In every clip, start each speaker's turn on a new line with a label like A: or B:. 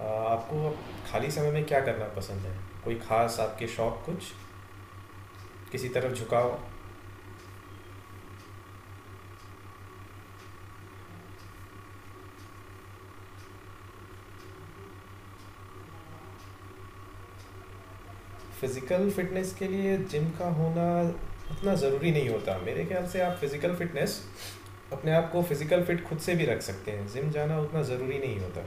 A: आपको खाली समय में क्या करना पसंद है। कोई खास आपके शौक कुछ किसी तरफ झुकाव। फिजिकल फिटनेस के लिए जिम का होना उतना ज़रूरी नहीं होता मेरे ख्याल से। आप फिजिकल फिटनेस अपने आप को फिजिकल फिट खुद से भी रख सकते हैं, जिम जाना उतना ज़रूरी नहीं होता।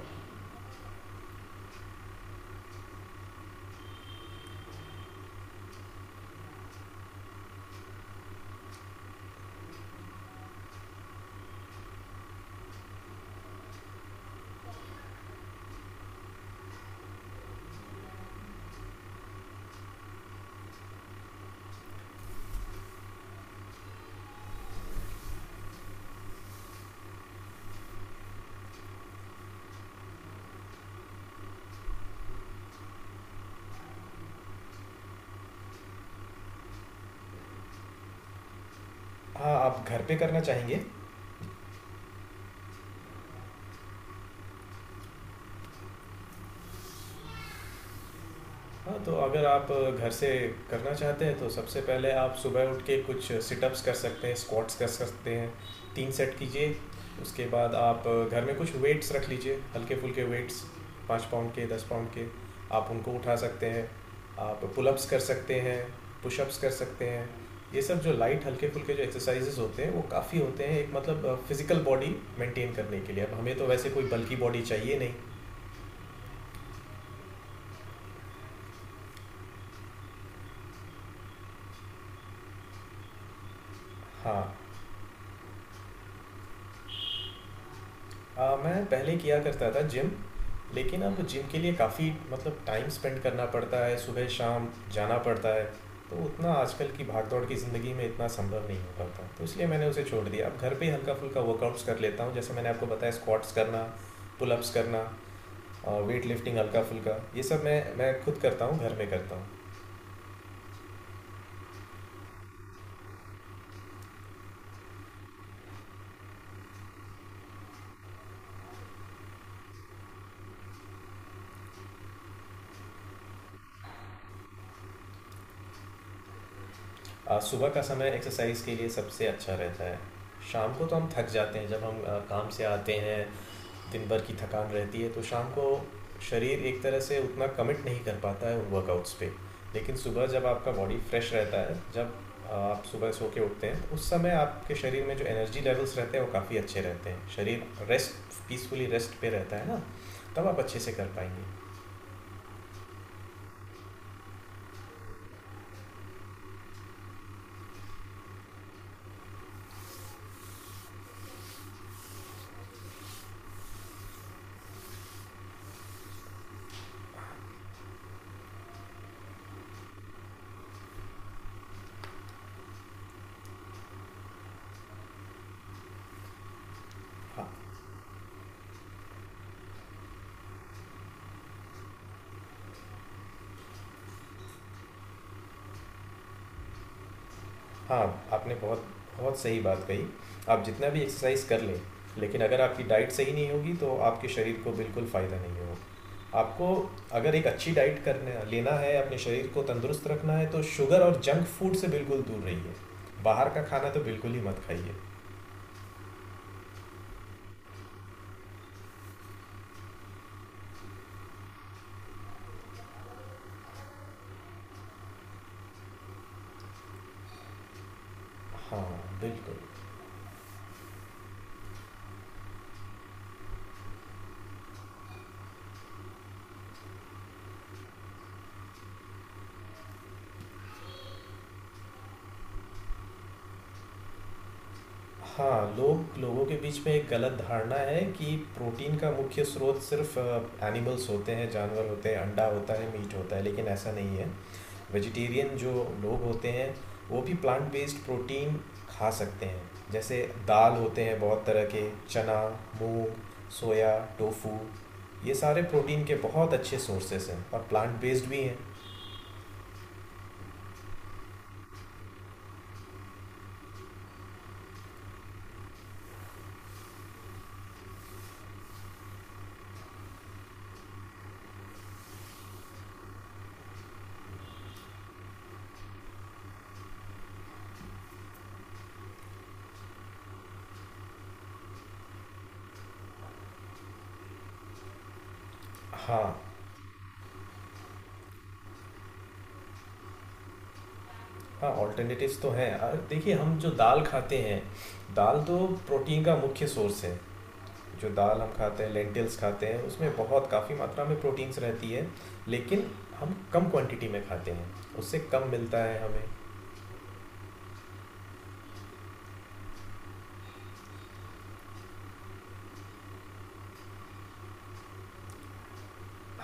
A: हाँ, आप घर पे करना चाहेंगे? हाँ, तो अगर आप घर से करना चाहते हैं तो सबसे पहले आप सुबह उठ के कुछ सिटअप्स कर सकते हैं, स्क्वाट्स कर सकते हैं। 3 सेट कीजिए, उसके बाद आप घर में कुछ वेट्स रख लीजिए, हल्के-फुल्के वेट्स 5 पाउंड के, 10 पाउंड के, आप उनको उठा सकते हैं। आप पुलअप्स कर सकते हैं, पुशअप्स कर सकते हैं। ये सब जो लाइट हल्के-फुल्के जो एक्सरसाइजेज़ होते हैं, वो काफ़ी होते हैं एक मतलब फिज़िकल बॉडी मेंटेन करने के लिए। अब हमें तो वैसे कोई बल्की बॉडी चाहिए नहीं। हाँ। मैं पहले किया करता था जिम, लेकिन अब जिम के लिए काफ़ी मतलब टाइम स्पेंड करना पड़ता है, सुबह शाम जाना पड़ता है। तो उतना आजकल की भागदौड़ की ज़िंदगी में इतना संभव नहीं हो पाता, तो इसलिए मैंने उसे छोड़ दिया। अब घर पे ही हल्का फुल्का वर्कआउट्स कर लेता हूँ, जैसे मैंने आपको बताया स्क्वाट्स करना, पुलअप्स करना, वेट लिफ्टिंग हल्का फुल्का, ये सब मैं खुद करता हूँ, घर में करता हूँ। सुबह का समय एक्सरसाइज के लिए सबसे अच्छा रहता है। शाम को तो हम थक जाते हैं जब हम काम से आते हैं, दिन भर की थकान रहती है, तो शाम को शरीर एक तरह से उतना कमिट नहीं कर पाता है उन वर्कआउट्स पे। लेकिन सुबह जब आपका बॉडी फ्रेश रहता है, जब आप सुबह सो के उठते हैं, तो उस समय आपके शरीर में जो एनर्जी लेवल्स रहते हैं वो काफ़ी अच्छे रहते हैं। शरीर रेस्ट पीसफुली रेस्ट पे रहता है ना, तब आप अच्छे से कर पाएंगे। हाँ। हाँ, आपने बहुत बहुत सही बात कही। आप जितना भी एक्सरसाइज कर लें, लेकिन अगर आपकी डाइट सही नहीं होगी तो आपके शरीर को बिल्कुल फ़ायदा नहीं होगा। आपको अगर एक अच्छी डाइट करना लेना है, अपने शरीर को तंदुरुस्त रखना है, तो शुगर और जंक फूड से बिल्कुल दूर रहिए। बाहर का खाना तो बिल्कुल ही मत खाइए। हाँ बिल्कुल। हाँ, लोग लोगों के बीच में एक गलत धारणा है कि प्रोटीन का मुख्य स्रोत सिर्फ एनिमल्स होते हैं, जानवर होते हैं, अंडा होता है, मीट होता है, लेकिन ऐसा नहीं है। वेजिटेरियन जो लोग होते हैं, वो भी प्लांट बेस्ड प्रोटीन खा सकते हैं। जैसे दाल होते हैं बहुत तरह के, चना, मूंग, सोया, टोफू, ये सारे प्रोटीन के बहुत अच्छे सोर्सेस हैं और प्लांट बेस्ड भी हैं। हाँ। हाँ, ऑल्टरनेटिव्स तो हैं। और देखिए, हम जो दाल खाते हैं, दाल तो प्रोटीन का मुख्य सोर्स है। जो दाल हम खाते हैं, लेंटिल्स खाते हैं, उसमें बहुत काफ़ी मात्रा में प्रोटीन्स रहती है। लेकिन हम कम क्वांटिटी में खाते हैं, उससे कम मिलता है हमें।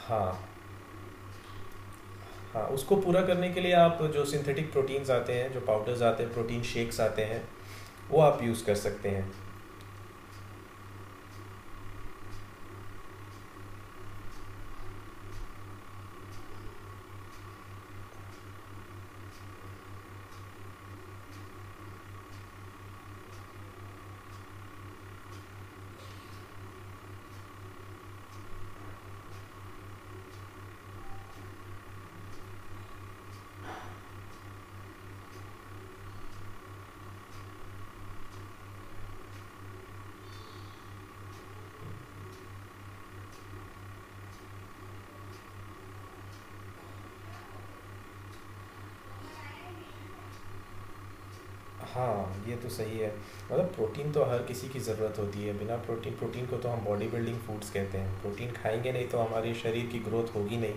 A: हाँ। हाँ, उसको पूरा करने के लिए आप जो सिंथेटिक प्रोटीन्स आते हैं, जो पाउडर्स आते हैं, प्रोटीन शेक्स आते हैं, वो आप यूज़ कर सकते हैं। हाँ, ये तो सही है। मतलब प्रोटीन तो हर किसी की ज़रूरत होती है। बिना प्रोटीन प्रोटीन को तो हम बॉडी बिल्डिंग फूड्स कहते हैं, प्रोटीन खाएंगे नहीं तो हमारे शरीर की ग्रोथ होगी नहीं।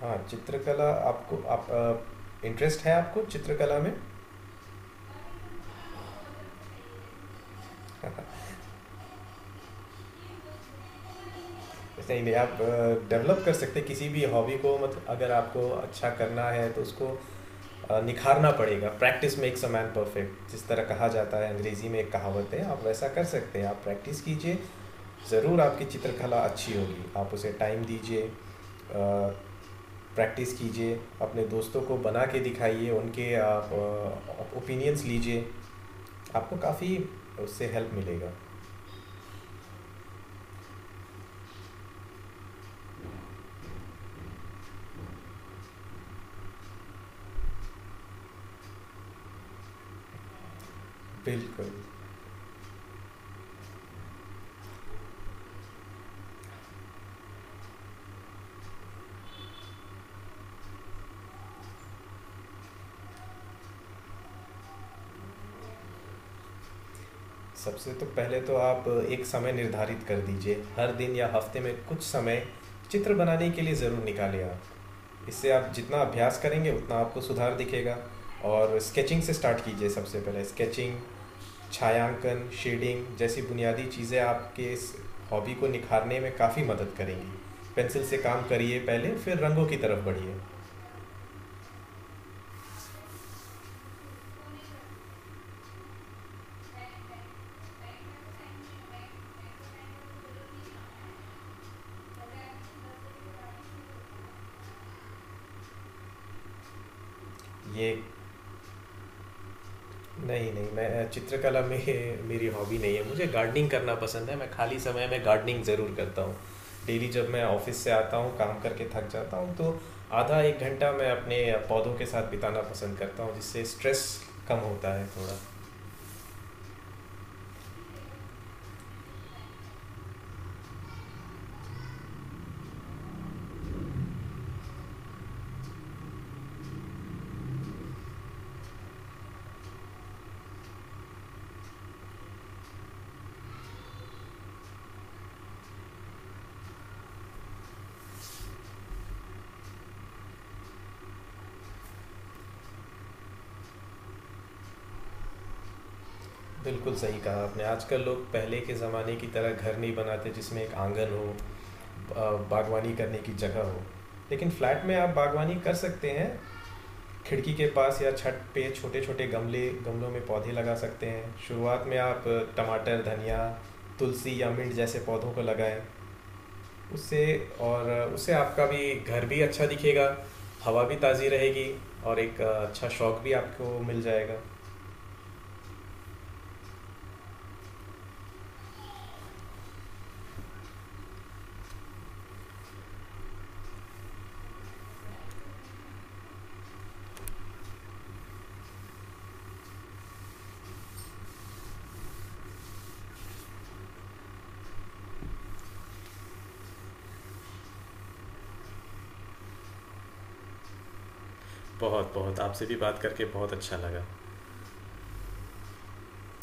A: हाँ, चित्रकला, आपको आप इंटरेस्ट है आपको चित्रकला में? नहीं नहीं, आप डेवलप कर सकते हैं किसी भी हॉबी को। मतलब अगर आपको अच्छा करना है तो उसको निखारना पड़ेगा। Practice makes a man perfect, जिस तरह कहा जाता है अंग्रेजी में एक कहावत है। आप वैसा कर सकते हैं, आप प्रैक्टिस कीजिए, ज़रूर आपकी चित्रकला अच्छी होगी। आप उसे टाइम दीजिए, प्रैक्टिस कीजिए, अपने दोस्तों को बना के दिखाइए, उनके आप ओपिनियंस लीजिए, आपको काफ़ी उससे हेल्प मिलेगा। बिल्कुल। सबसे तो पहले तो आप एक समय निर्धारित कर दीजिए, हर दिन या हफ्ते में कुछ समय चित्र बनाने के लिए ज़रूर निकालिए। आप इससे, आप जितना अभ्यास करेंगे उतना आपको सुधार दिखेगा। और स्केचिंग से स्टार्ट कीजिए, सबसे पहले स्केचिंग, छायांकन, शेडिंग जैसी बुनियादी चीज़ें आपके इस हॉबी को निखारने में काफ़ी मदद करेंगी। पेंसिल से काम करिए पहले, फिर रंगों की तरफ बढ़िए। ये, नहीं नहीं, मैं चित्रकला में मेरी हॉबी नहीं है, मुझे गार्डनिंग करना पसंद है। मैं खाली समय में गार्डनिंग ज़रूर करता हूँ। डेली जब मैं ऑफिस से आता हूँ काम करके थक जाता हूँ, तो आधा एक घंटा मैं अपने पौधों के साथ बिताना पसंद करता हूँ, जिससे स्ट्रेस कम होता है थोड़ा। बिल्कुल सही कहा आपने। आजकल लोग पहले के ज़माने की तरह घर नहीं बनाते जिसमें एक आंगन हो, अ, बागवानी करने की जगह हो। लेकिन फ्लैट में आप बागवानी कर सकते हैं, खिड़की के पास या छत पे छोटे छोटे गमले गमलों में पौधे लगा सकते हैं। शुरुआत में आप टमाटर, धनिया, तुलसी या मिंट जैसे पौधों को लगाएं। उससे, और उससे आपका भी घर भी अच्छा दिखेगा, हवा भी ताज़ी रहेगी, और एक अच्छा शौक भी आपको मिल जाएगा। बहुत बहुत आपसे भी बात करके बहुत अच्छा लगा।